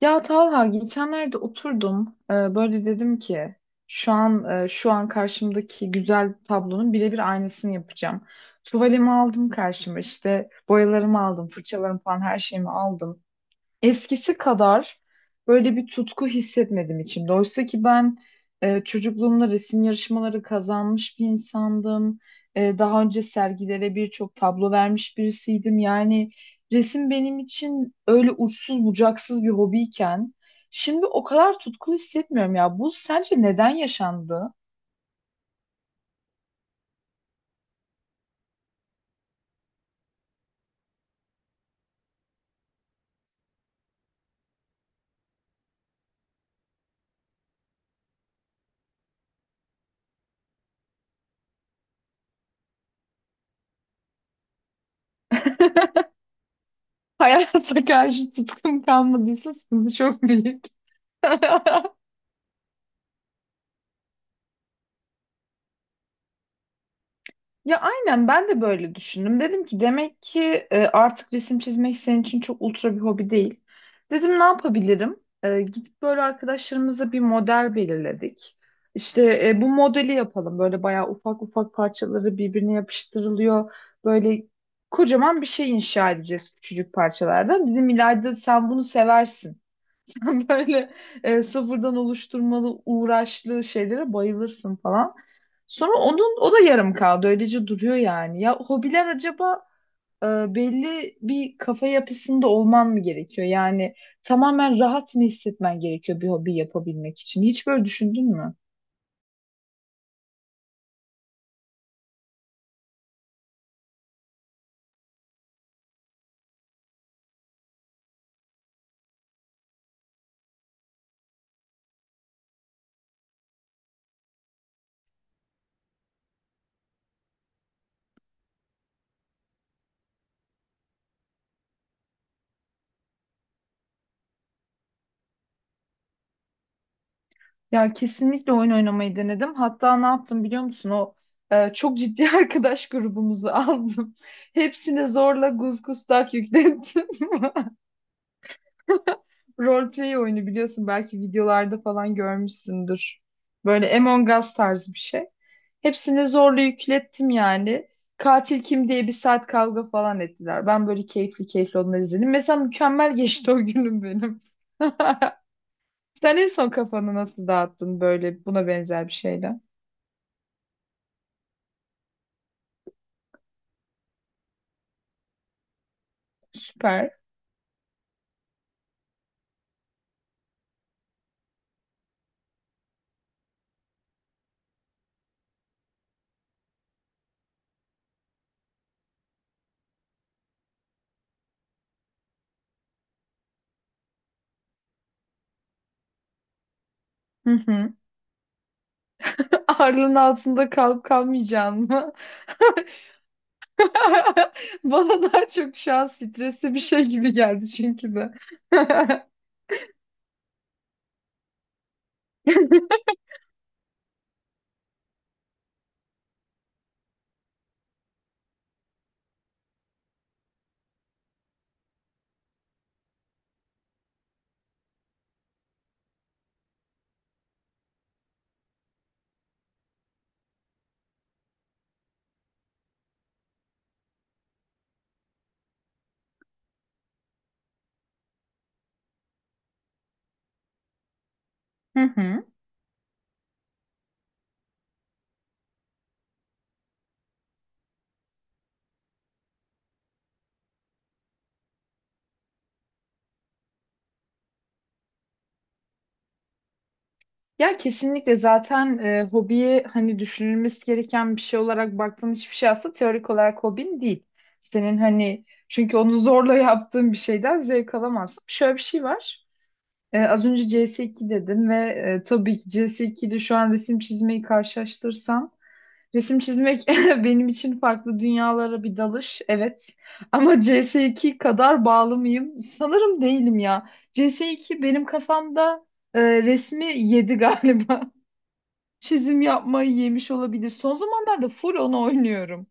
Ya Talha geçenlerde oturdum böyle dedim ki şu an karşımdaki güzel tablonun birebir aynısını yapacağım. Tuvalimi aldım karşıma, işte boyalarımı aldım, fırçalarımı falan her şeyimi aldım, eskisi kadar böyle bir tutku hissetmedim içimde. Oysa ki ben çocukluğumda resim yarışmaları kazanmış bir insandım. Daha önce sergilere birçok tablo vermiş birisiydim. Yani resim benim için öyle uçsuz bucaksız bir hobiyken şimdi o kadar tutkulu hissetmiyorum ya. Bu sence neden yaşandı? Hayata karşı tutkum kalmadıysa sıkıntı çok büyük. Ya aynen ben de böyle düşündüm. Dedim ki demek ki artık resim çizmek senin için çok ultra bir hobi değil. Dedim ne yapabilirim? Gidip böyle arkadaşlarımıza bir model belirledik. İşte bu modeli yapalım. Böyle bayağı ufak ufak parçaları birbirine yapıştırılıyor. Böyle kocaman bir şey inşa edeceğiz küçücük parçalardan. Dedim, İlayda sen bunu seversin. Böyle sıfırdan oluşturmalı uğraşlı şeylere bayılırsın falan. Sonra onun, o da yarım kaldı. Öylece duruyor yani. Ya hobiler acaba e, belli bir kafa yapısında olman mı gerekiyor? Yani tamamen rahat mı hissetmen gerekiyor bir hobi yapabilmek için? Hiç böyle düşündün mü? Ya kesinlikle oyun oynamayı denedim. Hatta ne yaptım biliyor musun? O çok ciddi arkadaş grubumuzu aldım. Hepsine zorla gusgustak yüklettim. Roleplay oyunu, biliyorsun, belki videolarda falan görmüşsündür. Böyle Among Us tarzı bir şey. Hepsini zorla yüklettim yani. Katil kim diye bir saat kavga falan ettiler. Ben böyle keyifli keyifli onları izledim. Mesela mükemmel geçti o günüm benim. Sen en son kafanı nasıl dağıttın böyle buna benzer bir şeyle? Süper. Hı hı. Ağırlığın altında kalıp kalmayacağın mı? Bana daha çok şu an stresli bir şey gibi geldi çünkü de. Hı hı. Ya kesinlikle zaten hobiyi, hani düşünülmesi gereken bir şey olarak baktığın hiçbir şey aslında teorik olarak hobin değil. Senin hani, çünkü onu zorla yaptığın bir şeyden zevk alamazsın. Şöyle bir şey var. Az önce CS2 dedim ve tabii ki CS2 ile şu an resim çizmeyi karşılaştırsam, resim çizmek benim için farklı dünyalara bir dalış, evet. Ama CS2 kadar bağlı mıyım? Sanırım değilim ya. CS2 benim kafamda resmi yedi galiba. Çizim yapmayı yemiş olabilir. Son zamanlarda full onu oynuyorum.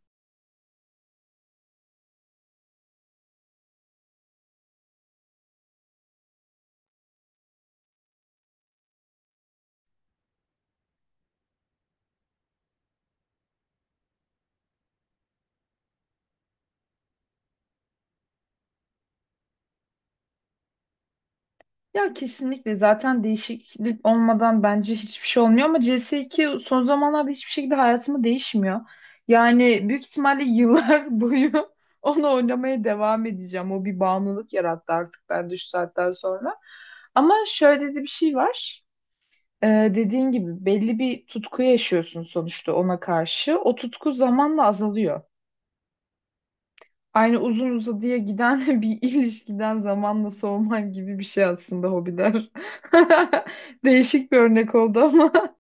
Ya kesinlikle zaten değişiklik olmadan bence hiçbir şey olmuyor, ama CS2 son zamanlarda hiçbir şekilde hayatımı değişmiyor. Yani büyük ihtimalle yıllar boyu onu oynamaya devam edeceğim. O bir bağımlılık yarattı artık ben şu saatten sonra. Ama şöyle de bir şey var. Dediğin gibi belli bir tutku yaşıyorsun sonuçta ona karşı. O tutku zamanla azalıyor. Aynı uzun uzadıya giden bir ilişkiden zamanla soğuman gibi bir şey aslında hobiler. Değişik bir örnek oldu ama.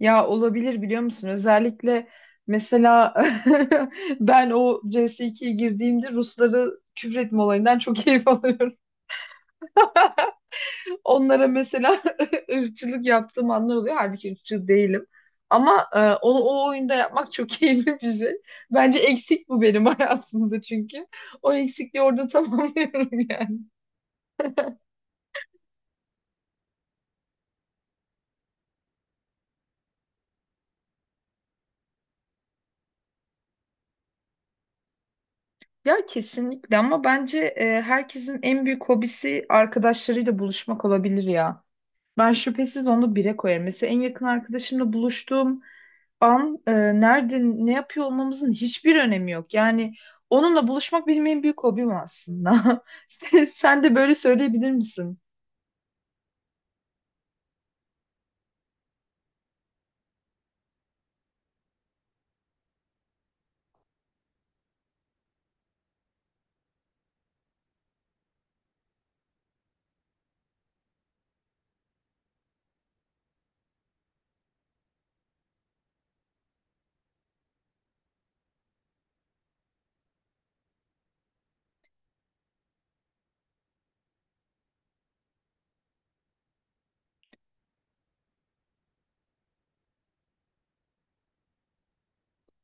Ya olabilir, biliyor musun? Özellikle mesela ben o CS2'ye girdiğimde Rusları küfretme olayından çok keyif alıyorum. Onlara mesela ırkçılık yaptığım anlar oluyor. Halbuki ırkçı değilim. Ama onu o oyunda yapmak çok keyifli bir şey. Bence eksik bu benim hayatımda çünkü. O eksikliği orada tamamlıyorum yani. Ya kesinlikle, ama bence herkesin en büyük hobisi arkadaşlarıyla buluşmak olabilir ya. Ben şüphesiz onu bire koyarım. Mesela en yakın arkadaşımla buluştuğum an nerede ne yapıyor olmamızın hiçbir önemi yok. Yani onunla buluşmak benim en büyük hobim aslında. Sen de böyle söyleyebilir misin?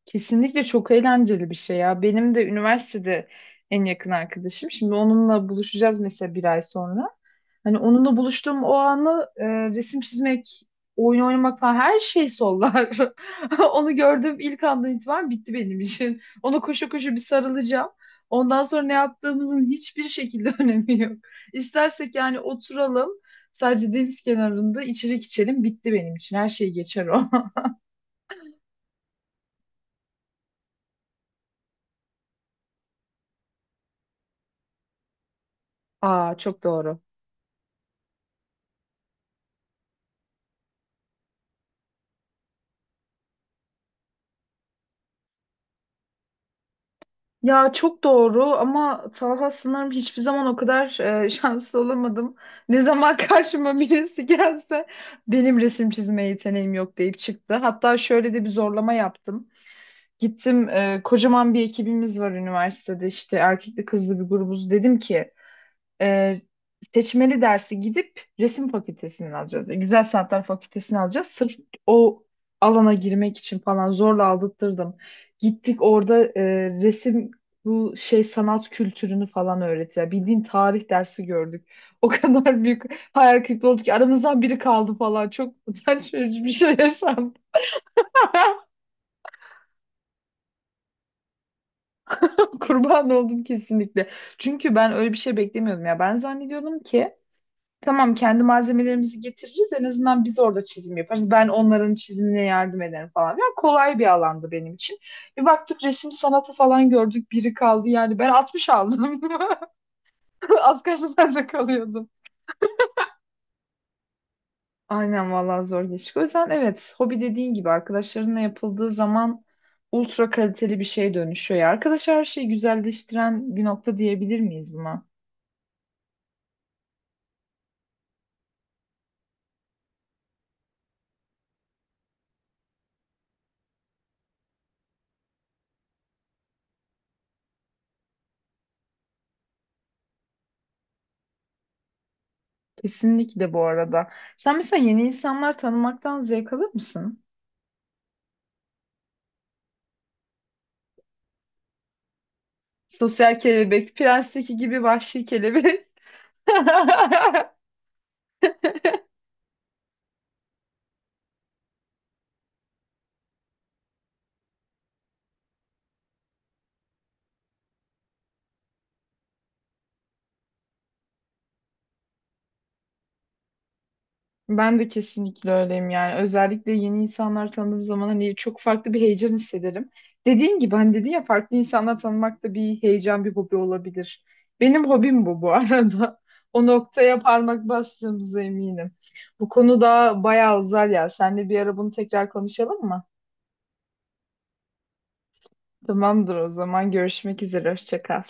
Kesinlikle çok eğlenceli bir şey ya. Benim de üniversitede en yakın arkadaşım. Şimdi onunla buluşacağız mesela, bir ay sonra. Hani onunla buluştuğum o anı resim çizmek, oyun oynamak falan, her şey sollar. Onu gördüğüm ilk andan itibaren bitti benim için. Ona koşa koşa bir sarılacağım. Ondan sonra ne yaptığımızın hiçbir şekilde önemi yok. İstersek yani oturalım, sadece deniz kenarında içecek içelim, bitti benim için. Her şey geçer o. Aa, çok doğru. Ya çok doğru ama Talha, sanırım hiçbir zaman o kadar şanslı olamadım. Ne zaman karşıma birisi gelse, benim resim çizme yeteneğim yok deyip çıktı. Hatta şöyle de bir zorlama yaptım. Gittim, kocaman bir ekibimiz var üniversitede, işte erkekli kızlı bir grubuz. Dedim ki e, seçmeli dersi gidip resim fakültesinden alacağız. Güzel Sanatlar fakültesini alacağız. Sırf o alana girmek için falan zorla aldırttırdım. Gittik orada resim, bu şey, sanat kültürünü falan öğretiyor. Bildiğin tarih dersi gördük. O kadar büyük hayal kırıklığı oldu ki aramızdan biri kaldı falan. Çok utanç verici bir şey yaşandı. Kurban oldum kesinlikle. Çünkü ben öyle bir şey beklemiyordum ya. Ben zannediyordum ki, tamam, kendi malzemelerimizi getiririz. En azından biz orada çizim yaparız. Ben onların çizimine yardım ederim falan. Yani kolay bir alandı benim için. Bir baktık, resim sanatı falan gördük. Biri kaldı yani. Ben 60 aldım. Az kalsın ben de kalıyordum. Aynen vallahi, zor geçti. O yüzden evet, hobi, dediğin gibi, arkadaşlarınla yapıldığı zaman ultra kaliteli bir şeye dönüşüyor ya. Arkadaş, her şeyi güzelleştiren bir nokta, diyebilir miyiz buna? Kesinlikle bu arada. Sen mesela yeni insanlar tanımaktan zevk alır mısın? Sosyal kelebek, Prens'teki gibi vahşi kelebek. Ben de kesinlikle öyleyim yani. Özellikle yeni insanlar tanıdığım zaman hani çok farklı bir heyecan hissederim. Dediğim gibi, hani dedin ya, farklı insanlar tanımak da bir heyecan, bir hobi olabilir. Benim hobim bu arada. O noktaya parmak bastığımıza eminim. Bu konu daha bayağı uzar ya. Seninle bir ara bunu tekrar konuşalım mı? Tamamdır o zaman. Görüşmek üzere. Hoşça kal.